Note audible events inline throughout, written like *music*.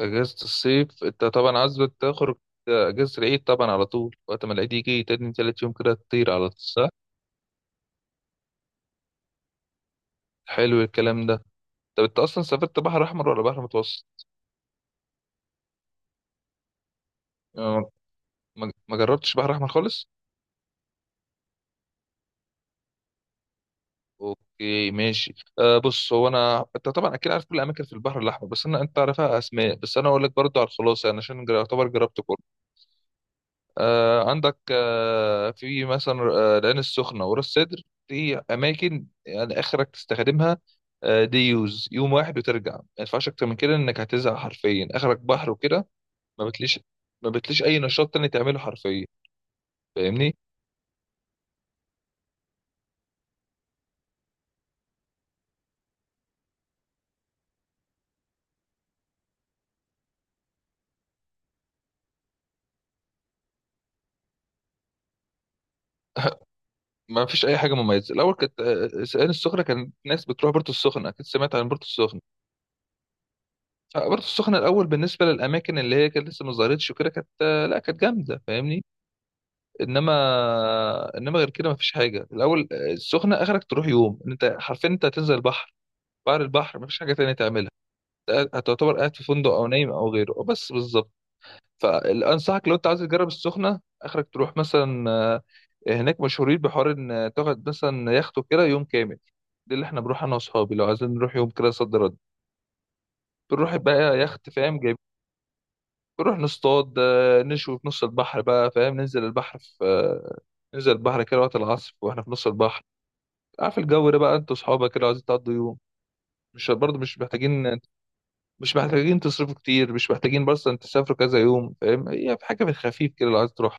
اجازة الصيف انت طبعا عايز تخرج. اجازة العيد طبعا على طول، وقت ما العيد يجي تاني تالت يوم كده تطير على طول، صح؟ حلو الكلام ده. طب انت اصلا سافرت بحر احمر ولا بحر متوسط؟ آه، ما جربتش بحر احمر خالص. اوكي ماشي. بص، هو انا انت طبعا اكيد عارف كل الاماكن في البحر الاحمر، بس انا انت عارفها اسماء، بس انا اقول لك برضو على الخلاصه، يعني عشان يعتبر جربت كله. عندك، في مثلا العين السخنة وراس سدر. دي أماكن يعني آخرك تستخدمها. دي يوز يوم واحد وترجع، ما ينفعش أكتر من كده، إنك هتزهق حرفيا، آخرك بحر وكده. ما بتليش، ما بتليش أي نشاط تاني تعمله حرفيا. فاهمني. ما فيش أي حاجة مميزة. الأول كانت العين السخنة، كان ناس بتروح بورتو السخنة، أكيد سمعت عن بورتو السخنة. فبورتو السخنة الأول بالنسبة للأماكن اللي هي كانت لسه ما ظهرتش وكده كانت، لا كانت جامدة، فاهمني. انما غير كده مفيش حاجه. الاول السخنه اخرك تروح يوم، إن انت حرفيا انت هتنزل البحر، بعد البحر مفيش حاجه تانية تعملها. أنت هتعتبر قاعد في فندق او نايم او غيره. أه بس بالظبط. فانصحك لو انت عايز تجرب السخنه، اخرك تروح مثلا هناك مشهورين بحوار ان تاخد مثلا يخت كده يوم كامل. ده اللي احنا بنروح انا واصحابي لو عايزين نروح يوم كده صد رد. بنروح بقى يخت، فاهم جايب، بنروح نصطاد، نشوي في نص البحر بقى، فاهم ننزل البحر في ننزل البحر كده وقت العصر واحنا في نص البحر، عارف الجو ده بقى، انتوا اصحابك كده عايزين تقضوا يوم، مش برضه مش محتاجين، مش محتاجين تصرفوا كتير، مش محتاجين بس ان تسافروا كذا يوم، فاهم. هي في حاجه في الخفيف كده لو عايز تروح.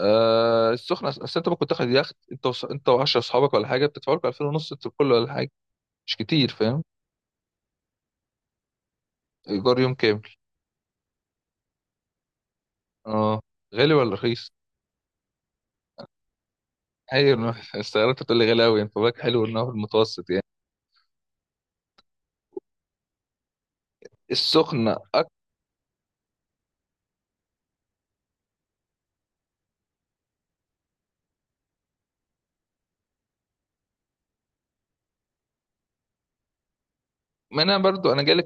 آه السخنه اصل انت ممكن تاخد يخت انت انت و10 اصحابك ولا حاجه، بتدفعوا لكم 2000 ونص انتوا الكل ولا حاجه، مش كتير، فاهم. ايجار يوم كامل. اه. غالي ولا رخيص؟ ايوه، *laughs* استغربت تقول لي غالي قوي. انت بالك حلو انه في المتوسط يعني. السخنه ما انا برضو انا جالي،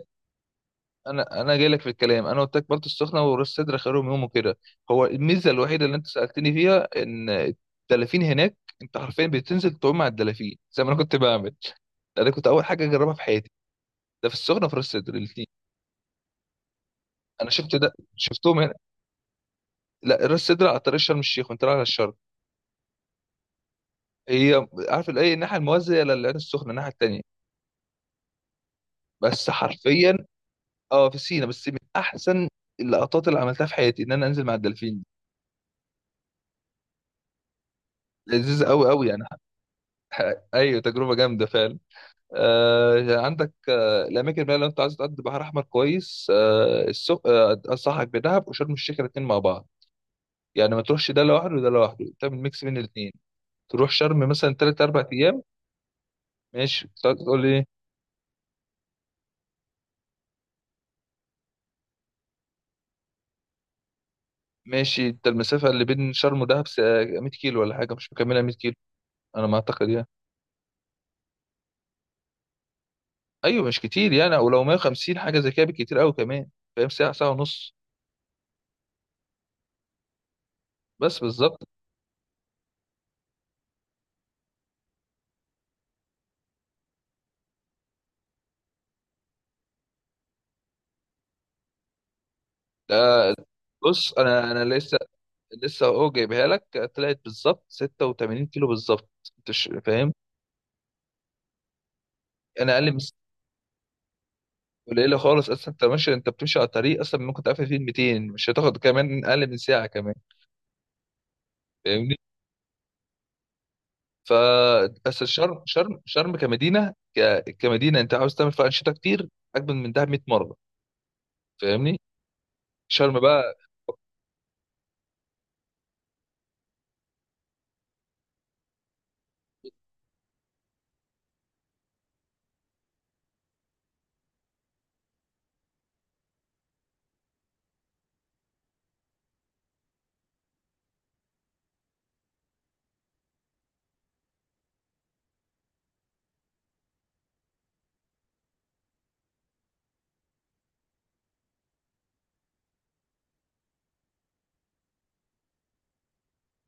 انا جاي لك في الكلام. انا قلت لك بلطة السخنه وراس سدر خيرهم يوم وكده. هو الميزه الوحيده اللي انت سالتني فيها ان الدلافين هناك، انت حرفيا بتنزل تعوم مع الدلافين زي ما انا كنت بعمل. ده كنت اول حاجه اجربها في حياتي. ده في السخنه وفي راس سدر الاثنين. انا شفت ده شفتهم هنا. لا، راس سدر على طريق شرم الشيخ وانت رايح على الشرق. هي عارف الايه، الناحيه الموازيه للعين السخنه، الناحيه الثانيه. بس حرفيا، اه، في سينا. بس من احسن اللقطات اللي عملتها في حياتي ان انا انزل مع الدلافين. لذيذ قوي قوي يعني. ايوه، تجربه جامده فعلا. عندك الاماكن بقى، لو انت عايز تقضي بحر احمر كويس، آه، السخ آه، انصحك بدهب وشرم الشيخ الاثنين مع بعض، يعني ما تروحش ده لوحده وده لوحده، تعمل ميكس بين الاثنين. تروح شرم مثلا ثلاث اربع ايام، ماشي تقعد تقول لي. ماشي، انت المسافه اللي بين شرم ودهب 100 كيلو ولا حاجه، مش مكملها 100 كيلو، انا ما اعتقد يعني. ايوه مش كتير يعني، او لو 150 حاجه زي كده بالكتير قوي كمان، فاهم، ساعه ساعه ونص. بس بالظبط. ده بص انا لسه اهو جايبها لك، طلعت بالظبط 86 كيلو بالظبط. انت فاهم. انا اقل من قليله خالص اصلا. انت ماشي، انت بتمشي على طريق اصلا ممكن تعافى فيه 200، مش هتاخد كمان اقل من ساعه كمان. فاهمني. ف بس الشرم شرم شرم كمدينه، انت عاوز تعمل فيها انشطه كتير، اجمل من دهب 100 مره، فاهميه. شرم بقى،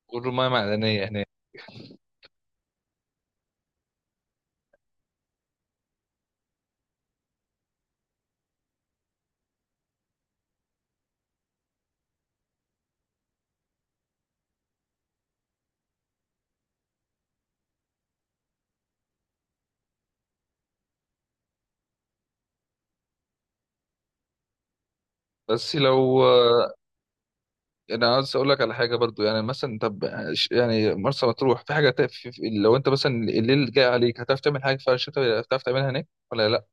والرمايه معدنيه هناك. بس لو انا عايز اقول لك على حاجه برضو، يعني مثلا، طب يعني مرسى مطروح في حاجه تقف في لو انت مثلا الليل جاي عليك، هتعرف تعمل حاجه في الشتاء؟ هتعرف تعملها هناك ولا لا؟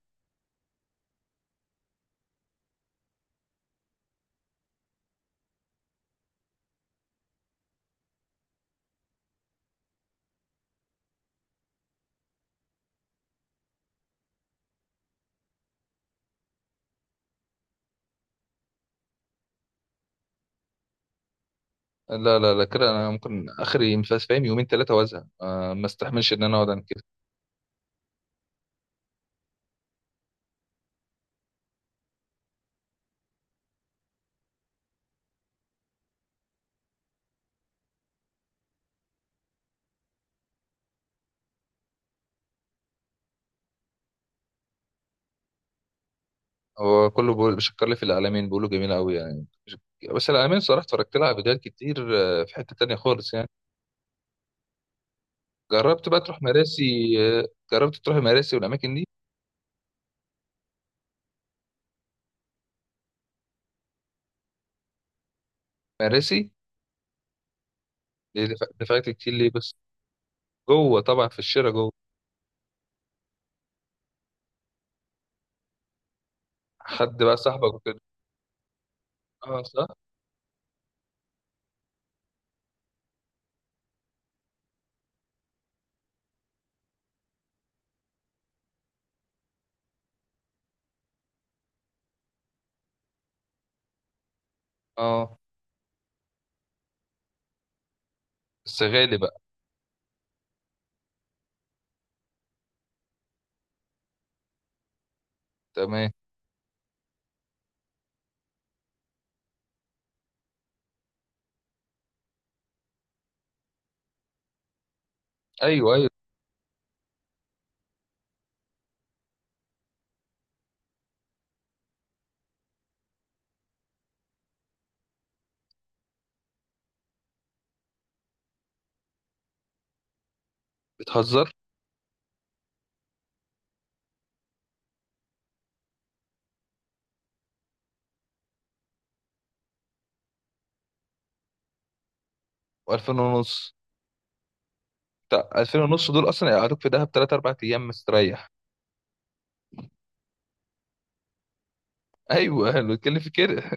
لا لا لا، كده انا ممكن اخري مفاس فاهم يومين ثلاثه وازهق، ما استحملش ان انا اقعد عن كده. هو كله بيقول بيشكر لي في العلمين، بيقولوا جميله قوي يعني. بس العلمين صراحه اتفرجت لها على فيديوهات كتير، في حته تانية خالص يعني. جربت بقى تروح مراسي؟ جربت تروح مراسي والاماكن دي؟ مراسي دي دفعت كتير ليه بس؟ جوه طبعا، في الشارع جوه، حد بقى صاحبك. اه صح. اه، بس غالي بقى. تمام. ايوه ايوه، بتهزر. و2000 ونص. بتاع 2000 ونص دول اصلا يقعدوك في دهب 3 4 ايام مستريح. *laughs* ايوه، حلو اتكلم في كده.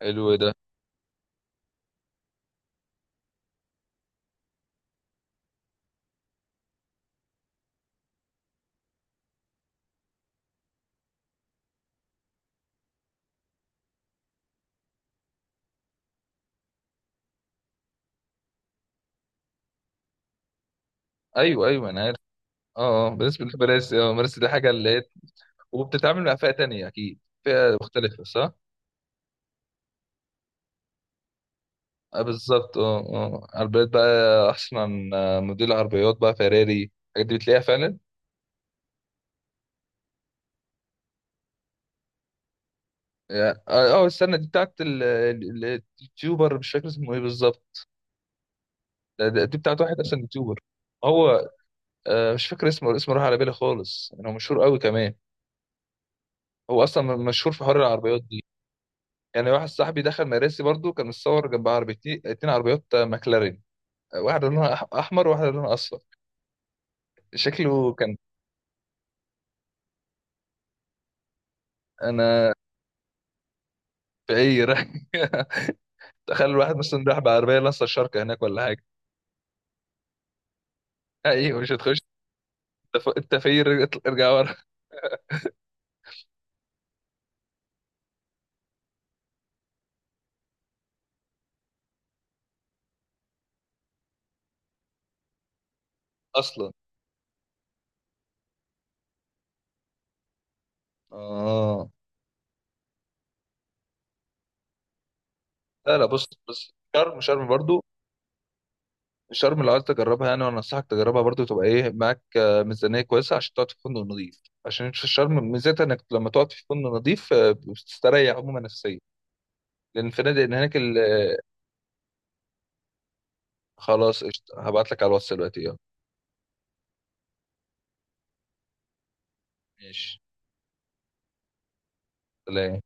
حلو ده. ايوه ايوه انا عارف. اه اه، بالنسبه لمراسي، اه مراسي دي حاجه اللي هي، وبتتعامل مع فئه تانية، اكيد فئه مختلفه، صح. آه بالظبط. اه اه، عربيات بقى احسن، عن موديل عربيات بقى فيراري، الحاجات دي بتلاقيها فعلا. اه، استنى، دي بتاعت التيوبر، مش فاكر اسمه ايه بالظبط. دي بتاعت واحد اصلا يوتيوبر. هو مش فاكر اسمه، اسمه راح على بالي خالص، يعني هو مشهور قوي كمان. هو اصلا مشهور في حوار العربيات دي. يعني واحد صاحبي دخل مراسي برضو، كان متصور جنب عربيتين اتنين، عربيات ماكلارين. واحده لونها احمر وواحده لونها اصفر. شكله كان انا في اي رايح. *laughs* تخيل الواحد مثلا راح بعربيه لسه الشركه هناك ولا حاجه، ايوه مش هتخش. انت أنت في إيه؟ ارجع ورا اصلا. اه لا لا، بص بص، شرم شرم برضو. الشرم لو عايز تجربها يعني، وانا انصحك تجربها برضو، تبقى ايه معاك ميزانيه كويسه عشان تقعد في فندق نظيف، عشان في الشرم ميزتها انك لما تقعد في فندق نظيف بتستريح عموما نفسيا. لان الفنادق اللي هناك خلاص قشطة، هبعت لك على الواتس دلوقتي، يلا. ماشي سلام.